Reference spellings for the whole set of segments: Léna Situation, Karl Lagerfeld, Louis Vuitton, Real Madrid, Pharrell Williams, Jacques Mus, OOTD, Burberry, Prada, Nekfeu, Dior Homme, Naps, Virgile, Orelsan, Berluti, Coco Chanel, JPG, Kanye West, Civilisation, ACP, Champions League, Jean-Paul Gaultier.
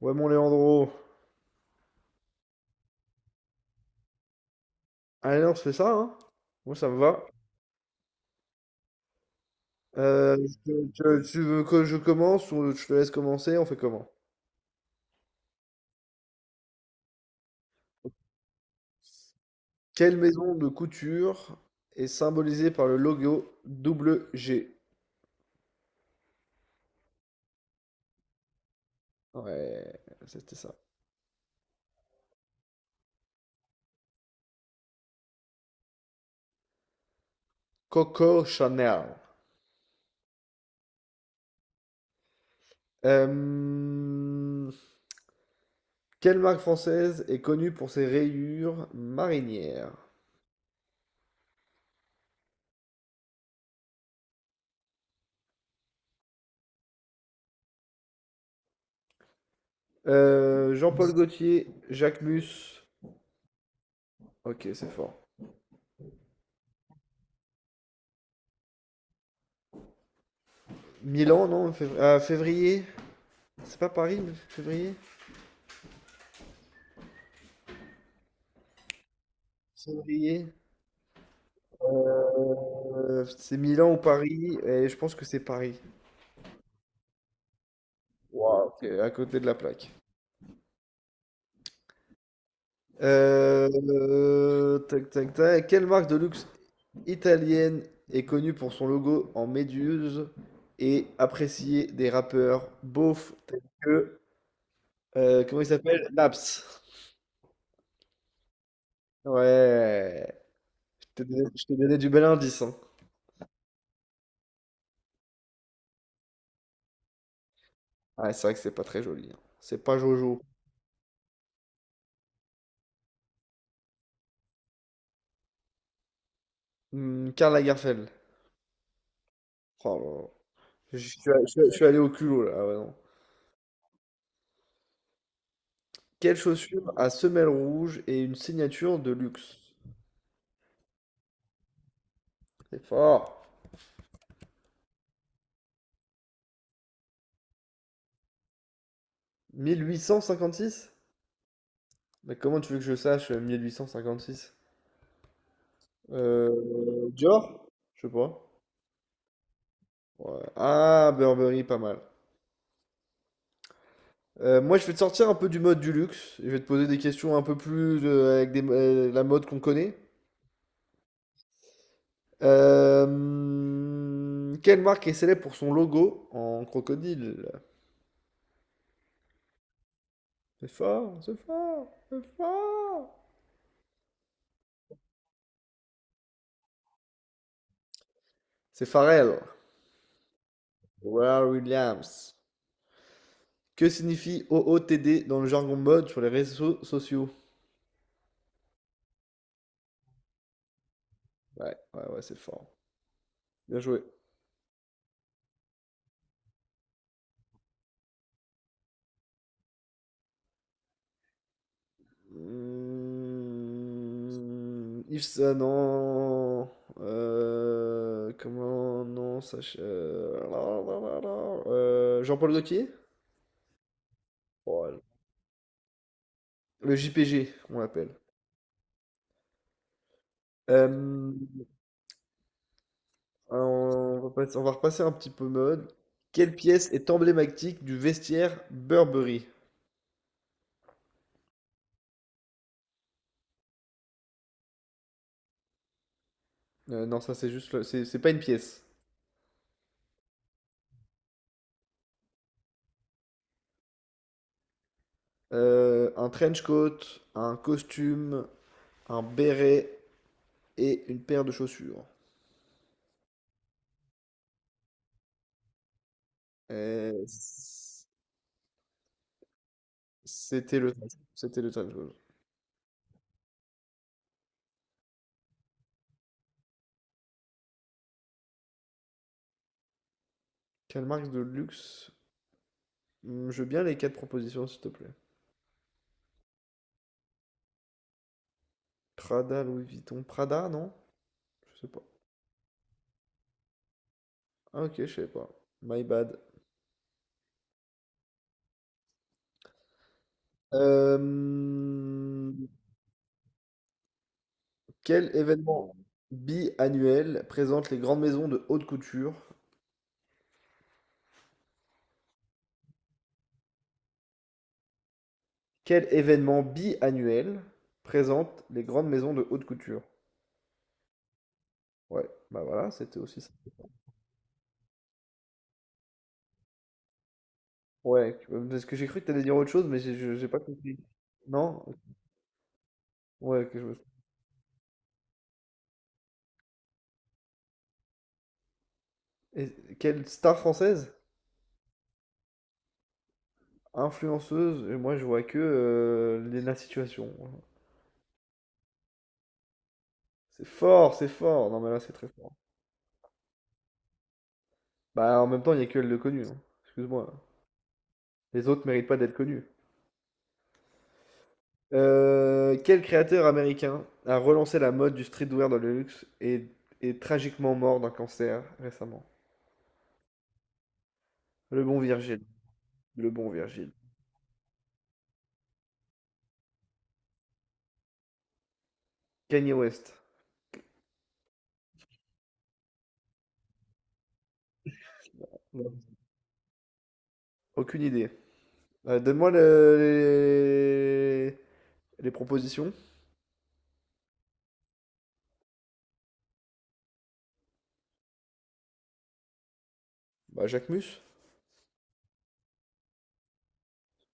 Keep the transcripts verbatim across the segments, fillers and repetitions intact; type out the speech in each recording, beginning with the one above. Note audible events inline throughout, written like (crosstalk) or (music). Ouais, mon Léandro. Allez, on se fait ça, hein? Moi, ça me va. Euh, tu, tu- tu veux que je commence ou je te laisse commencer? On fait comment? Quelle maison de couture est symbolisée par le logo double G? Ouais, c'était ça. Coco Chanel. Euh, quelle marque française est connue pour ses rayures marinières? Euh, Jean-Paul Gaultier, Jacques Mus. Ok, c'est fort. Milan, non? Fév- ah, février? C'est pas Paris, mais février? Février. Euh, c'est Milan ou Paris, et je pense que c'est Paris. Waouh, t'es à côté de la plaque. Euh, euh, tac, tac, tac. Quelle marque de luxe italienne est connue pour son logo en méduse et appréciée des rappeurs beaufs tels que... euh, comment il s'appelle? Naps. Ouais. Je t'ai donné, je t'ai donné du bel indice, hein. Ouais, c'est vrai que c'est pas très joli, hein. C'est pas Jojo. Hmm, Karl Lagerfeld. Oh là là. Je suis, je- je suis allé au culot là. Ah ouais, non. Quelle chaussure à semelle rouge et une signature de luxe? C'est fort. mille huit cent cinquante-six? Mais comment tu veux que je sache euh, mille huit cent cinquante-six? Euh, Dior? Je sais pas. Ouais. Ah, Burberry, pas mal. Euh, moi, je vais te sortir un peu du mode du luxe. Je vais te poser des questions un peu plus euh, avec des- euh, la mode qu'on connaît. Euh, quelle marque est célèbre pour son logo en crocodile? C'est fort, c'est fort, c'est fort. C'est Pharrell, Pharrell Williams. Que signifie O O T D dans le jargon mode sur les réseaux sociaux? Ouais, ouais, ouais, c'est fort. Bien joué. Hmm, Yves, euh, non. Euh, comment, non, sachez. Jean-Paul Gaultier? Ouais, le J P G, on l'appelle. Euh, alors, on va passer- on va repasser un petit peu mode. Quelle pièce est emblématique du vestiaire Burberry? Euh, non, ça c'est juste, le- c'est c'est pas une pièce. Euh, un trench coat, un costume, un béret et une paire de chaussures. Euh, c- c'était le, C'était le trench coat. Quelle marque de luxe? Hmm, Je veux bien les quatre propositions, s'il te plaît. Prada, Louis Vuitton, Prada, non? Je sais pas. Ah ok, je savais pas. My bad. Euh, quel événement biannuel présente les grandes maisons de haute couture Quel événement biannuel présente les grandes maisons de haute couture? Ouais, bah voilà, c'était aussi ça. Ouais, euh, parce que j'ai cru que t'allais dire autre chose, mais j'ai je- j'ai pas compris. Non? Ouais, que je me- Et quelle star française? Influenceuse? Et moi, je vois que euh, Léna Situation. C'est fort, c'est fort. Non, mais là, c'est très fort. Bah, en même temps, il n'y a que elle de connue, hein. Excuse-moi. Les autres méritent pas d'être connus. Euh, quel créateur américain a relancé la mode du streetwear dans le luxe et est tragiquement mort d'un cancer récemment? Le bon Virgile. Le bon Virgile. Kanye West. Non, aucune idée. Euh, donne-moi le- les... les propositions. Bah, Jacques Mus.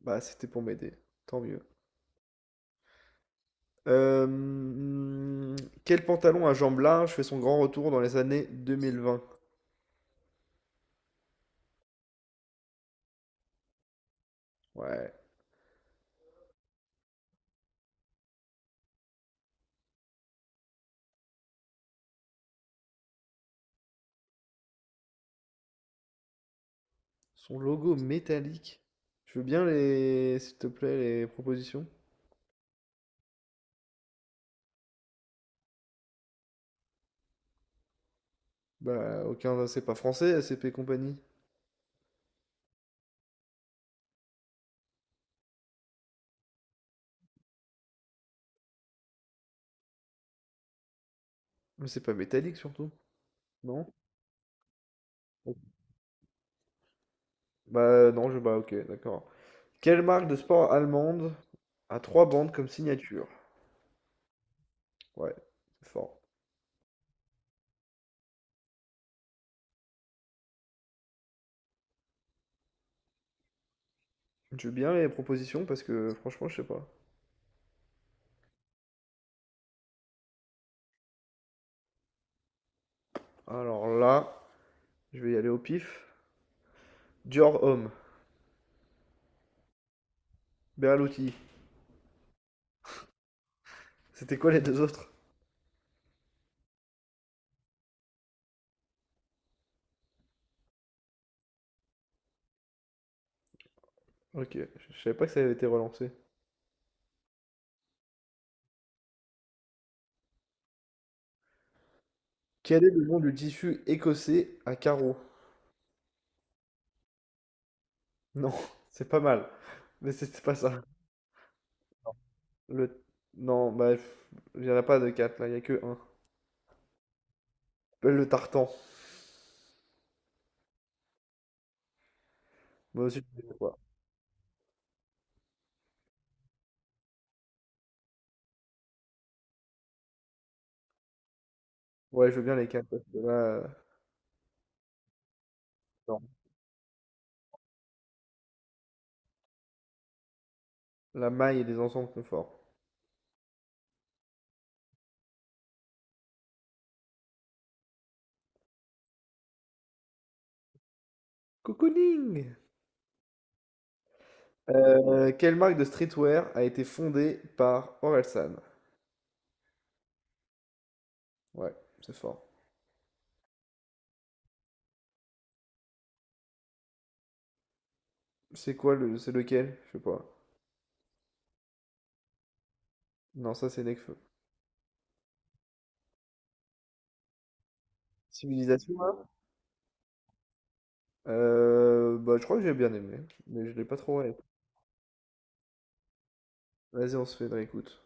Bah, c'était pour m'aider. Tant mieux. Euh, hmm, quel pantalon à jambes larges fait son grand retour dans les années deux mille vingt? Ouais. Son logo métallique. Je veux bien les, s'il te plaît, les propositions. Bah, aucun, bah, c'est pas français, A C P compagnie. Mais c'est pas métallique surtout, non? Bah, non, je, bah, ok, d'accord. Quelle marque de sport allemande a trois bandes comme signature? Ouais, c'est fort. Je veux bien les propositions parce que franchement, je sais pas. Alors là, je vais y aller au pif. Dior Homme, Berluti. C'était quoi les deux autres? Ok, je je savais pas que ça avait été relancé. Quel est le nom du tissu écossais à carreaux? Non, (laughs) c'est pas mal, mais c'était pas ça. Le. Non, bah, pff, il n'y en a pas de quatre là, il n'y a que un. Le tartan. Moi aussi, je veux quoi. Ouais, je veux bien les quatre parce que là. Euh, non. La maille et les ensembles confort. Cocooning! Euh, quelle marque de streetwear a été fondée par Orelsan? Ouais, c'est fort. C'est quoi le. C'est lequel? Je sais pas. Non, ça, c'est Nekfeu. Civilisation, là? Euh, bah, je crois que j'ai bien aimé, mais je l'ai pas trop aimé. Vas-y, on se fait une réécoute.